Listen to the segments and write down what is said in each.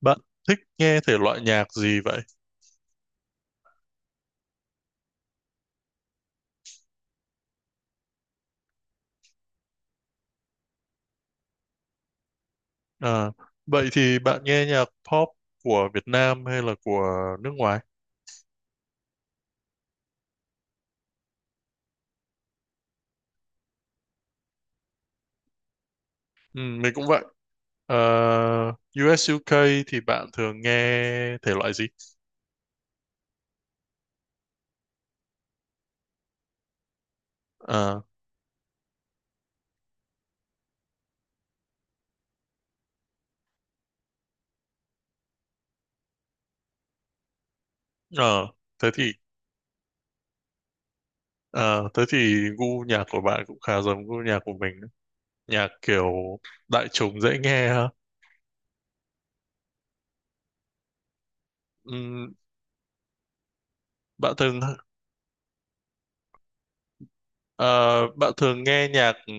Bạn thích nghe thể loại nhạc gì vậy? À, vậy thì bạn nghe nhạc pop của Việt Nam hay là của nước ngoài? Ừ, mình cũng vậy. Ờ, US UK thì bạn thường nghe thể loại gì? Ờ, ờ, thế thì ờ, thế thì gu nhạc của bạn cũng khá giống gu nhạc của mình. Nhạc kiểu đại chúng dễ nghe ha. Ừ, bạn thường ờ, bạn thường nghe nhạc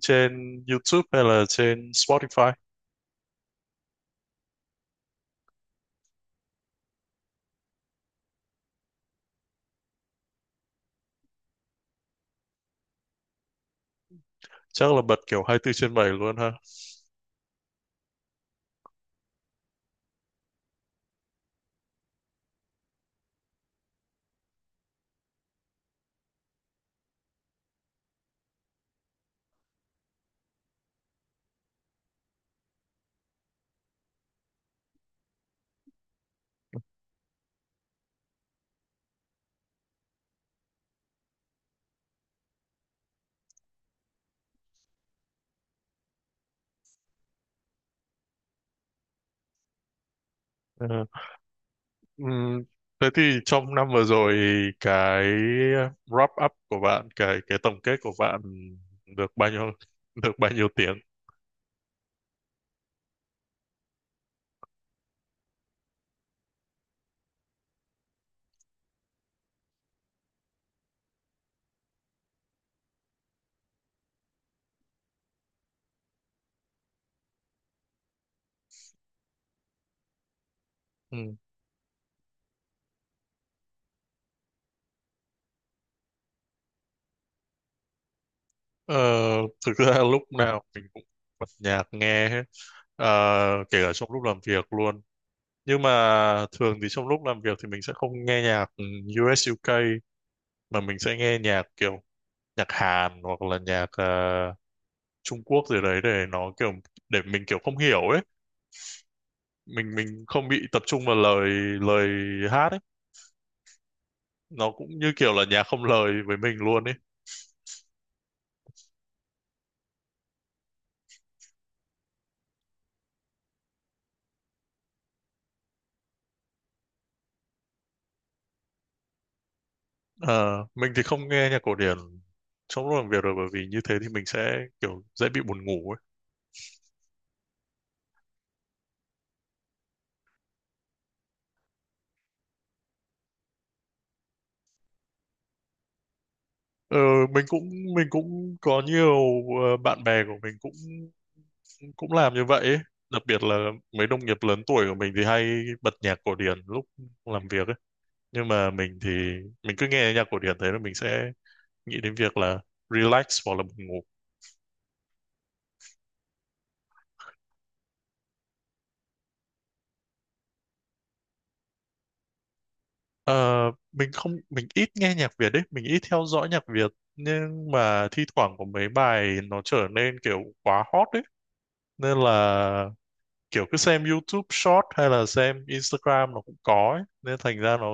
trên YouTube hay là trên Spotify? Chắc là bật kiểu 24 trên 7 luôn ha. Ờ, ừm, thế thì trong năm vừa rồi cái wrap up của bạn, cái tổng kết của bạn được bao nhiêu được bao nhiêu tiếng? Ừ. Ờ, thực ra lúc nào mình cũng bật nhạc nghe hết, kể cả trong lúc làm việc luôn. Nhưng mà thường thì trong lúc làm việc thì mình sẽ không nghe nhạc US UK, mà mình sẽ nghe nhạc kiểu nhạc Hàn hoặc là nhạc Trung Quốc gì đấy để mình kiểu không hiểu ấy. Mình không bị tập trung vào lời lời hát ấy. Nó cũng như kiểu là nhạc không lời với mình luôn ấy. Ờ, mình thì không nghe nhạc cổ điển trong lúc làm việc rồi, bởi vì như thế thì mình sẽ kiểu dễ bị buồn ngủ ấy. Ờ, mình cũng có nhiều bạn bè của mình cũng cũng làm như vậy ấy. Đặc biệt là mấy đồng nghiệp lớn tuổi của mình thì hay bật nhạc cổ điển lúc làm việc ấy. Nhưng mà mình thì mình cứ nghe nhạc cổ điển, thế là mình sẽ nghĩ đến việc là relax hoặc là buồn ngủ. Ờ, mình không mình ít nghe nhạc Việt đấy, mình ít theo dõi nhạc Việt. Nhưng mà thi thoảng có mấy bài nó trở nên kiểu quá hot đấy, nên là kiểu cứ xem YouTube Short hay là xem Instagram nó cũng có ấy. Nên thành ra nó,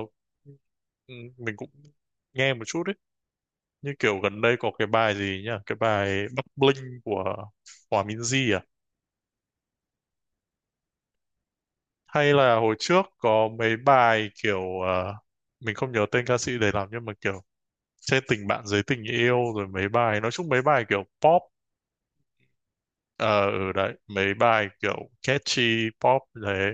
ừ, mình cũng nghe một chút đấy, như kiểu gần đây có cái bài gì nhá, cái bài Bắc Bling của Hòa Minzy à, hay là hồi trước có mấy bài kiểu mình không nhớ tên ca sĩ để làm, nhưng mà kiểu trên tình bạn dưới tình yêu, rồi mấy bài, nói chung mấy bài kiểu pop. Đấy, mấy bài kiểu catchy pop thế.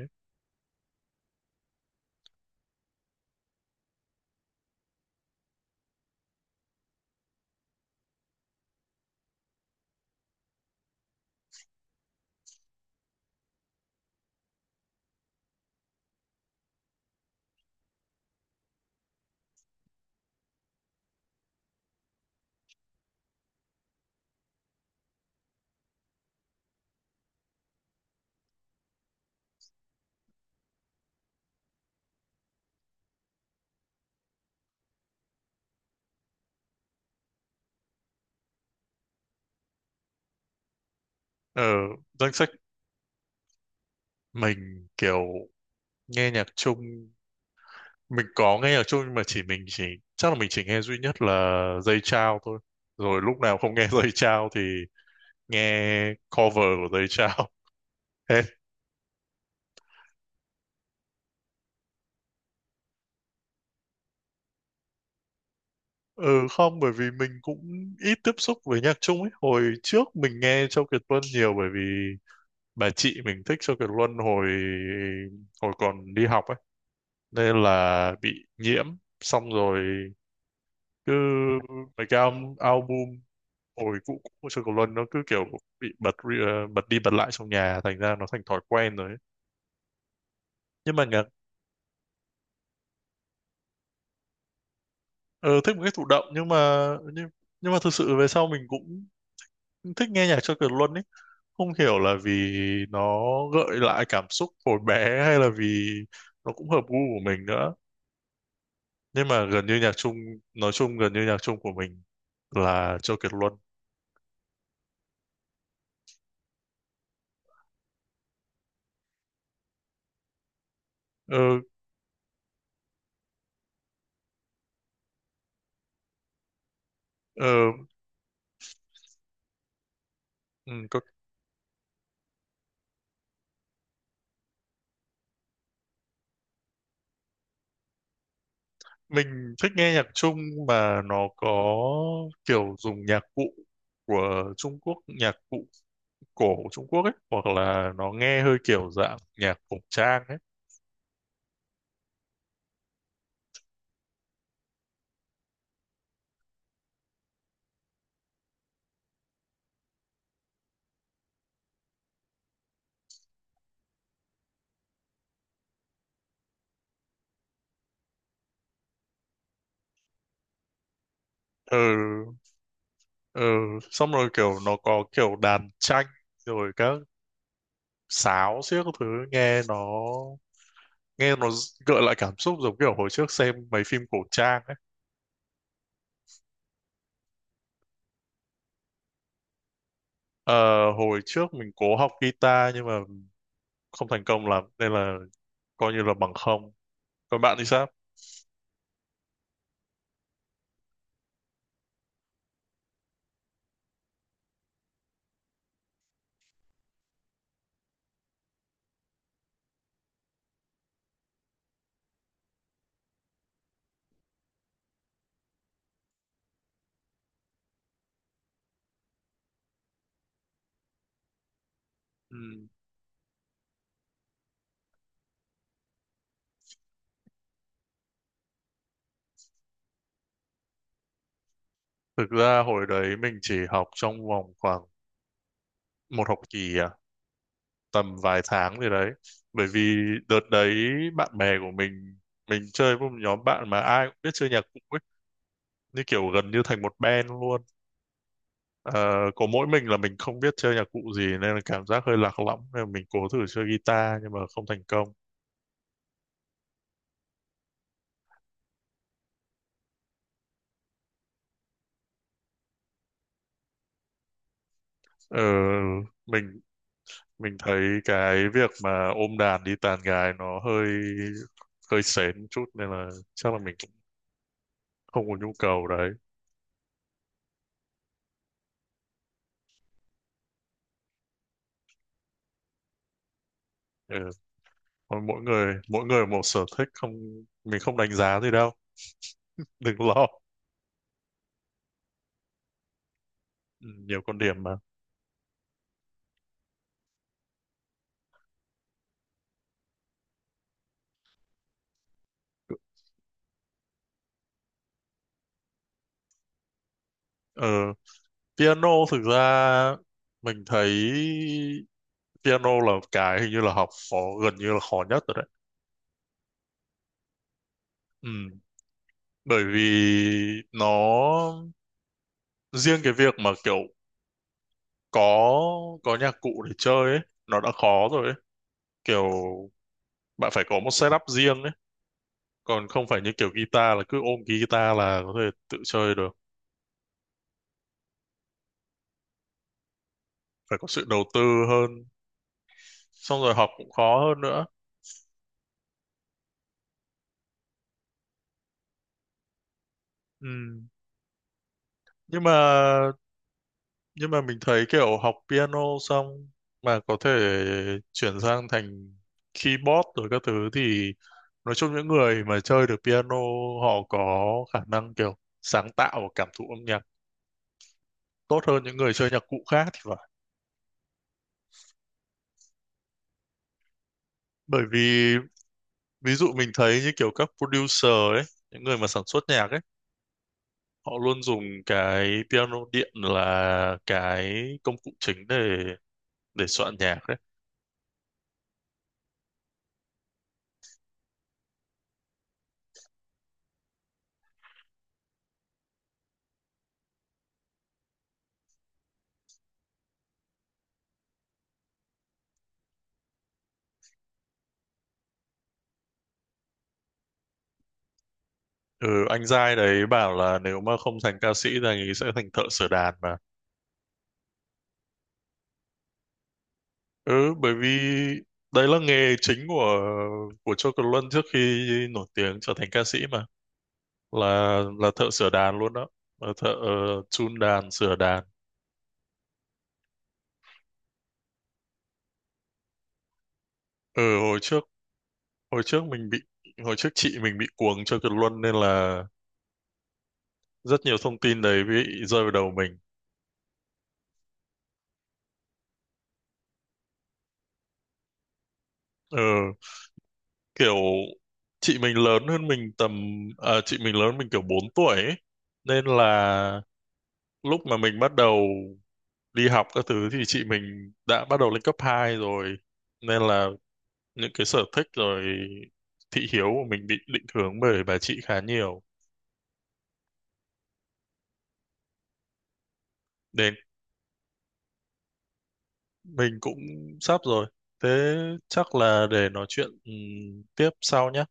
Ở danh sách mình kiểu nghe nhạc chung, mình có nghe nhạc chung, nhưng mà chỉ mình chỉ chắc là mình chỉ nghe duy nhất là Dây Chao thôi, rồi lúc nào không nghe Dây Chao thì nghe cover của Dây Chao. Ừ không, bởi vì mình cũng ít tiếp xúc với nhạc Trung ấy. Hồi trước mình nghe Châu Kiệt Luân nhiều, bởi vì bà chị mình thích Châu Kiệt Luân hồi hồi còn đi học ấy. Nên là bị nhiễm, xong rồi cứ mấy cái album hồi cũ cũ của Châu Kiệt Luân nó cứ kiểu bị bật bật đi bật lại trong nhà, thành ra nó thành thói quen rồi ấy. Nhưng mà nhạc, ờ, thích một cái thụ động, nhưng, nhưng mà thực sự về sau mình cũng thích nghe nhạc Châu Kiệt Luân ấy. Không hiểu là vì nó gợi lại cảm xúc hồi bé hay là vì nó cũng hợp gu của mình nữa. Nhưng mà gần như nhạc Trung, nói chung gần như nhạc Trung của mình là Châu Kiệt Luân. ờ, ờ, ừ, có, mình thích nghe nhạc Trung mà nó có kiểu dùng nhạc cụ của Trung Quốc, nhạc cụ cổ Trung Quốc ấy, hoặc là nó nghe hơi kiểu dạng nhạc cổ trang ấy. Ừ, ừ, xong rồi kiểu nó có kiểu đàn tranh rồi các sáo xiếc các thứ, nghe nó nghe nó gợi lại cảm xúc giống kiểu hồi trước xem mấy phim cổ trang ấy. Ờ, hồi trước mình cố học guitar nhưng mà không thành công lắm, nên là coi như là bằng không. Còn bạn thì sao? Ừ. Thực ra hồi đấy mình chỉ học trong vòng khoảng một học kỳ à, tầm vài tháng gì đấy, bởi vì đợt đấy bạn bè của mình chơi với một nhóm bạn mà ai cũng biết chơi nhạc cụ ấy, như kiểu gần như thành một band luôn. Ờ, có mỗi mình là mình không biết chơi nhạc cụ gì nên là cảm giác hơi lạc lõng, nên là mình cố thử chơi guitar nhưng mà không thành công. Ờ, mình mình thấy cái việc mà ôm đàn đi tàn gái nó hơi hơi sến một chút, nên là chắc là mình cũng không có nhu cầu đấy. Ừ. Thôi, mỗi người một sở thích, không mình không đánh giá gì đâu đừng lo. Ừ, nhiều con điểm mà. ờ, Piano thực ra mình thấy piano là cái hình như là học khó, gần như là khó nhất rồi đấy. Ừ. Bởi vì nó, riêng cái việc mà kiểu có có nhạc cụ để chơi ấy nó đã khó rồi ấy, kiểu bạn phải có một setup riêng ấy, còn không phải như kiểu guitar là cứ ôm cái guitar là có thể tự chơi được. Phải có sự đầu tư hơn, xong rồi học cũng khó hơn nữa. Ừ. nhưng mà nhưng mà mình thấy kiểu học piano xong mà có thể chuyển sang thành keyboard rồi các thứ, thì nói chung những người mà chơi được piano họ có khả năng kiểu sáng tạo và cảm thụ âm nhạc tốt hơn những người chơi nhạc cụ khác thì phải. Bởi vì ví dụ mình thấy như kiểu các producer ấy, những người mà sản xuất nhạc ấy, họ luôn dùng cái piano điện là cái công cụ chính để soạn nhạc ấy. Ừ, anh giai đấy bảo là nếu mà không thành ca sĩ thì anh ấy sẽ thành thợ sửa đàn mà. Ừ, bởi vì đấy là nghề chính của Châu Kiệt Luân trước khi nổi tiếng trở thành ca sĩ mà, là là thợ sửa đàn luôn đó, là thợ chun đàn sửa đàn. Ừ, hồi trước mình bị hồi trước chị mình bị cuồng Châu Kiệt Luân nên là rất nhiều thông tin đấy bị rơi vào đầu mình. Ừ, kiểu chị mình lớn hơn mình tầm, à, chị mình lớn mình kiểu 4 tuổi ấy. Nên là lúc mà mình bắt đầu đi học các thứ thì chị mình đã bắt đầu lên cấp 2 rồi. Nên là những cái sở thích rồi thị hiếu của mình bị định hướng bởi bà chị khá nhiều. Nên mình cũng sắp rồi. Thế chắc là để nói chuyện tiếp sau nhé.